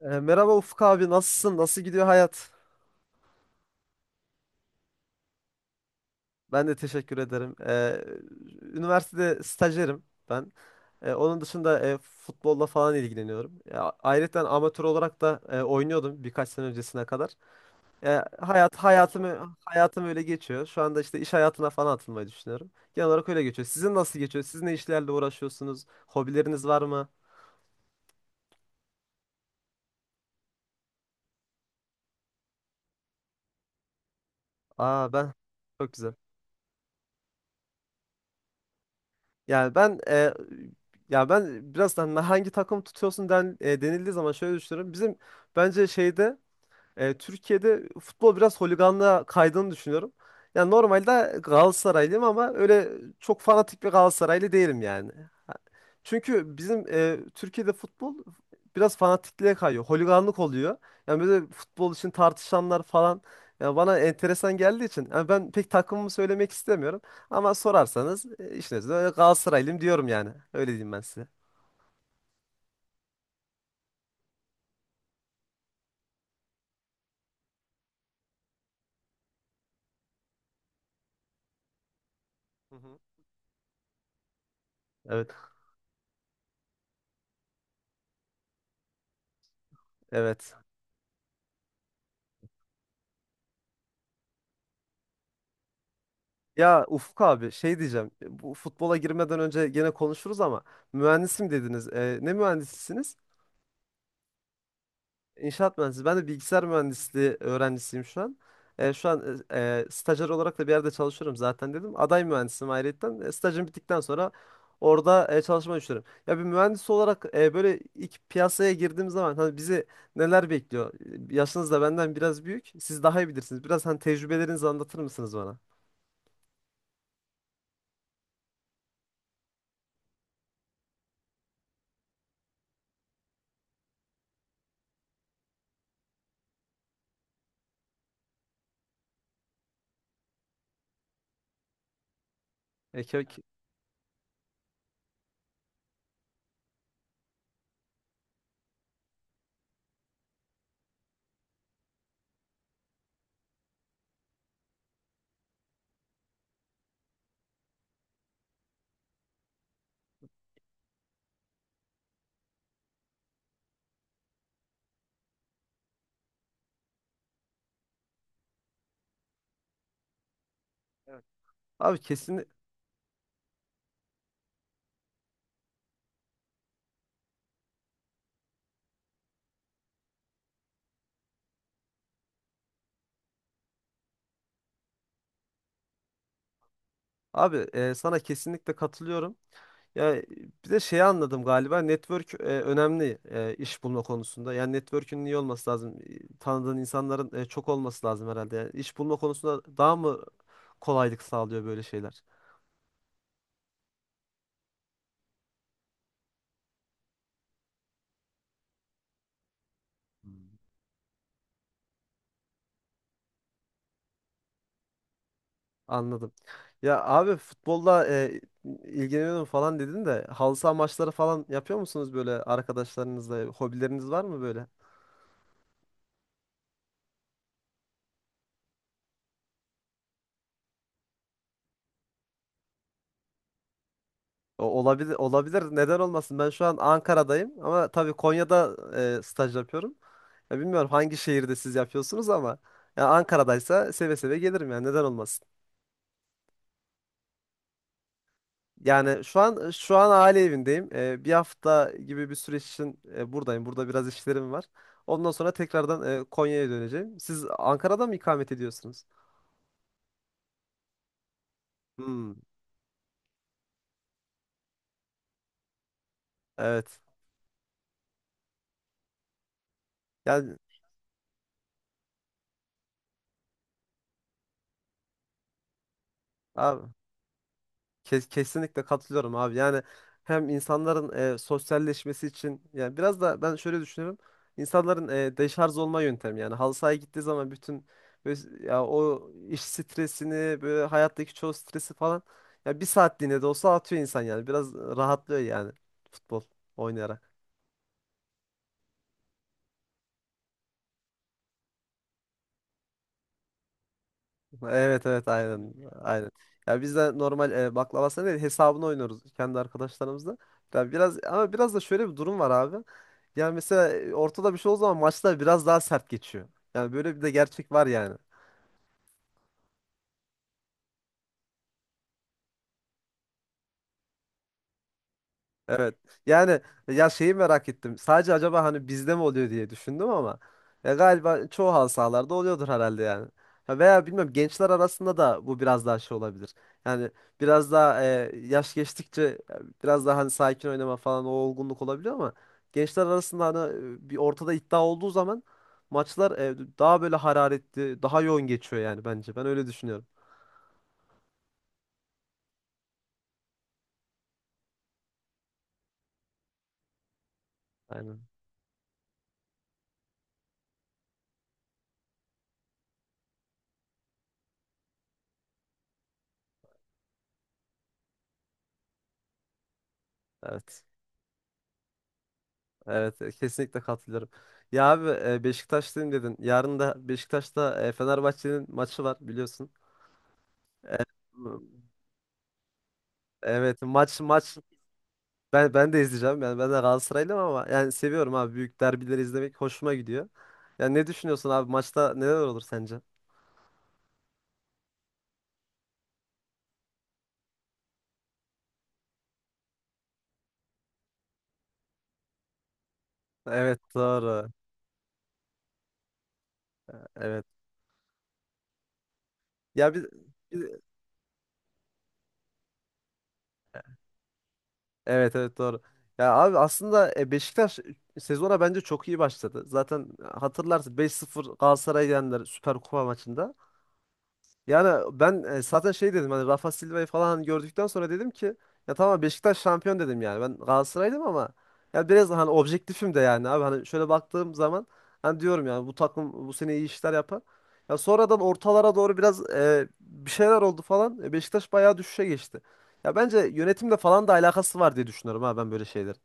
Merhaba Ufuk abi, nasılsın? Nasıl gidiyor hayat? Ben de teşekkür ederim. Üniversitede stajyerim ben. Onun dışında futbolla falan ilgileniyorum. Ya, ayrıca amatör olarak da oynuyordum birkaç sene öncesine kadar. Hayat hayatımı hayatım öyle geçiyor. Şu anda işte iş hayatına falan atılmayı düşünüyorum. Genel olarak öyle geçiyor. Sizin nasıl geçiyor? Siz ne işlerle uğraşıyorsunuz? Hobileriniz var mı? Aa ben, çok güzel. Yani ben, ya ben biraz da hani hangi takım tutuyorsun denildiği zaman şöyle düşünüyorum. Bizim, bence şeyde, Türkiye'de futbol biraz holiganlığa kaydığını düşünüyorum. Yani normalde Galatasaraylıyım ama öyle çok fanatik bir Galatasaraylı değilim yani. Ha- Çünkü bizim, Türkiye'de futbol biraz fanatikliğe kayıyor. Holiganlık oluyor. Yani böyle futbol için tartışanlar falan yani bana enteresan geldiği için yani ben pek takımımı söylemek istemiyorum. Ama sorarsanız, işin özü öyle Galatasaraylıyım diyorum yani. Öyle diyeyim ben size. Hı hı. Evet. Evet. Ya Ufuk abi, şey diyeceğim. Bu futbola girmeden önce gene konuşuruz ama mühendisim dediniz. Ne mühendisisiniz? İnşaat mühendisi. Ben de bilgisayar mühendisliği öğrencisiyim şu an. Şu an, stajyer olarak da bir yerde çalışıyorum zaten dedim. Aday mühendisim ayrıyetten. Stajım bittikten sonra orada çalışmayı düşünüyorum. Ya bir mühendis olarak böyle ilk piyasaya girdiğim zaman hani bizi neler bekliyor? Yaşınız da benden biraz büyük. Siz daha iyi bilirsiniz. Biraz hani tecrübelerinizi anlatır mısınız bana? E, ke- ke- Evet. Abi kesin, abi, sana kesinlikle katılıyorum. Ya, bir de şeyi anladım galiba, network önemli iş bulma konusunda. Yani network'ün iyi olması lazım. E, tanıdığın insanların çok olması lazım herhalde. Yani iş bulma konusunda daha mı kolaylık sağlıyor böyle şeyler? Anladım. Ya abi, futbolla ilgileniyorum falan dedin de halı saha maçları falan yapıyor musunuz böyle arkadaşlarınızla? Hobileriniz var mı böyle? Olabilir, olabilir. Neden olmasın? Ben şu an Ankara'dayım ama tabii Konya'da staj yapıyorum. Ya bilmiyorum hangi şehirde siz yapıyorsunuz ama ya Ankara'daysa seve seve gelirim yani, neden olmasın. Yani şu an, aile evindeyim. Bir hafta gibi bir süreç için buradayım. Burada biraz işlerim var. Ondan sonra tekrardan Konya'ya döneceğim. Siz Ankara'da mı ikamet ediyorsunuz? Hmm, evet. Yani abi, kesinlikle katılıyorum abi. Yani hem insanların sosyalleşmesi için, yani biraz da ben şöyle düşünüyorum. İnsanların deşarj olma yöntemi yani, halı sahaya gittiği zaman bütün böyle, ya, o iş stresini, böyle hayattaki çoğu stresi falan, ya bir saatliğine de olsa atıyor insan yani. Biraz rahatlıyor yani, futbol oynayarak. Evet evet, aynen aynen. Ya biz de normal, baklavasını değil, hesabını oynuyoruz kendi arkadaşlarımızla. Ya biraz, ama biraz da şöyle bir durum var abi. Yani mesela ortada bir şey olduğu zaman maçlar biraz daha sert geçiyor. Yani böyle bir de gerçek var yani. Evet. Yani ya, şeyi merak ettim. Sadece acaba hani bizde mi oluyor diye düşündüm ama ya galiba çoğu halı sahalarda oluyordur herhalde yani. Ha, veya bilmiyorum, gençler arasında da bu biraz daha şey olabilir. Yani biraz daha yaş geçtikçe biraz daha hani sakin oynama falan o olgunluk olabiliyor ama gençler arasında hani bir ortada iddia olduğu zaman maçlar daha böyle hararetli, daha yoğun geçiyor yani bence. Ben öyle düşünüyorum. Aynen. Evet. Evet, kesinlikle katılıyorum. Ya abi, Beşiktaşlıyım dedin. Yarın da Beşiktaş'ta Fenerbahçe'nin maçı var biliyorsun. Hı. Evet, maç maç ben ben de izleyeceğim. Yani ben de Galatasaraylıyım ama yani seviyorum abi, büyük derbileri izlemek hoşuma gidiyor. Yani ne düşünüyorsun abi, maçta neler olur sence? Evet, doğru. Evet. Ya biz, biz- evet evet, doğru. Ya abi, aslında Beşiktaş sezona bence çok iyi başladı. Zaten hatırlarsın, 5-0 Galatasaray'ı yendiler Süper Kupa maçında. Yani ben, zaten şey dedim, hani Rafa Silva'yı falan hani gördükten sonra dedim ki ya tamam, Beşiktaş şampiyon dedim yani. Ben Galatasaray'dım ama ya biraz hani objektifim de yani abi, hani şöyle baktığım zaman hani diyorum yani bu takım bu sene iyi işler yapar. Ya sonradan ortalara doğru biraz bir şeyler oldu falan. E, Beşiktaş bayağı düşüşe geçti. Ya bence yönetimle falan da alakası var diye düşünüyorum ha, ben böyle şeylerin.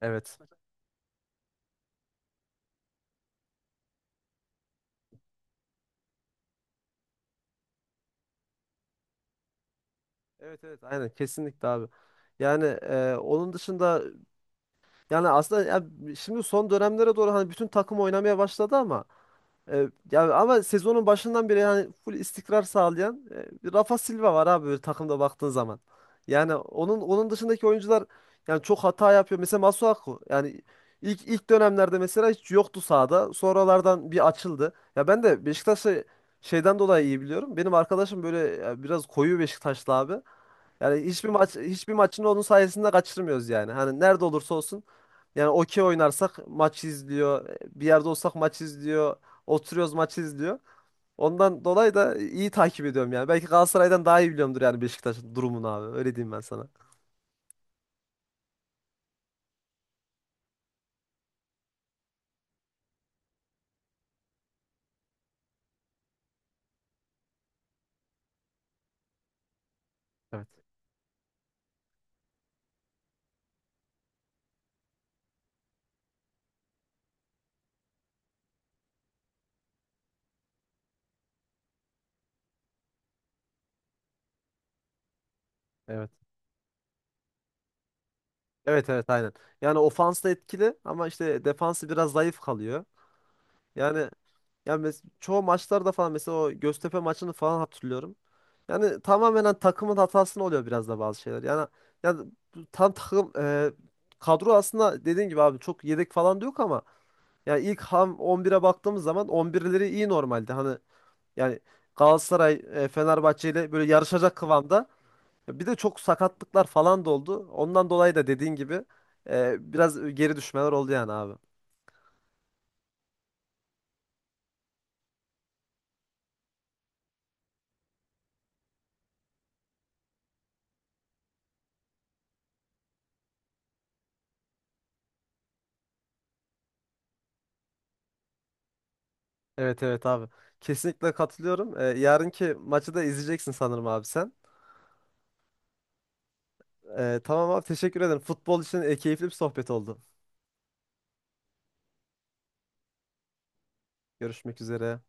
Evet. Evet evet aynen, kesinlikle abi. Yani onun dışında, yani aslında ya şimdi son dönemlere doğru hani bütün takım oynamaya başladı ama ya ama sezonun başından beri yani full istikrar sağlayan bir Rafa Silva var abi, böyle takımda baktığın zaman. Yani onun dışındaki oyuncular yani çok hata yapıyor. Mesela Masuaku yani ilk dönemlerde mesela hiç yoktu sahada. Sonralardan bir açıldı. Ya ben de Beşiktaş'ı şeyden dolayı iyi biliyorum. Benim arkadaşım böyle, ya biraz koyu Beşiktaşlı abi. Yani hiçbir maç, hiçbir maçın onun sayesinde kaçırmıyoruz yani. Hani nerede olursa olsun yani, okey oynarsak maç izliyor. Bir yerde olsak maç izliyor. Oturuyoruz maç izliyor. Ondan dolayı da iyi takip ediyorum yani. Belki Galatasaray'dan daha iyi biliyorumdur yani Beşiktaş'ın durumunu abi. Öyle diyeyim ben sana. Evet. Evet. Evet evet aynen. Yani ofans da etkili ama işte defansı biraz zayıf kalıyor. Yani çoğu maçlarda falan, mesela o Göztepe maçını falan hatırlıyorum. Yani tamamen hani takımın hatasını oluyor biraz da bazı şeyler. Yani bu tam takım, kadro aslında dediğin gibi abi, çok yedek falan da yok ama yani ilk ham 11'e baktığımız zaman 11'leri iyi normalde. Hani yani Galatasaray, Fenerbahçe ile böyle yarışacak kıvamda. Bir de çok sakatlıklar falan da oldu. Ondan dolayı da dediğin gibi biraz geri düşmeler oldu yani abi. Evet evet abi. Kesinlikle katılıyorum. E, yarınki maçı da izleyeceksin sanırım abi sen. E, tamam abi, teşekkür ederim. Futbol için keyifli bir sohbet oldu. Görüşmek üzere.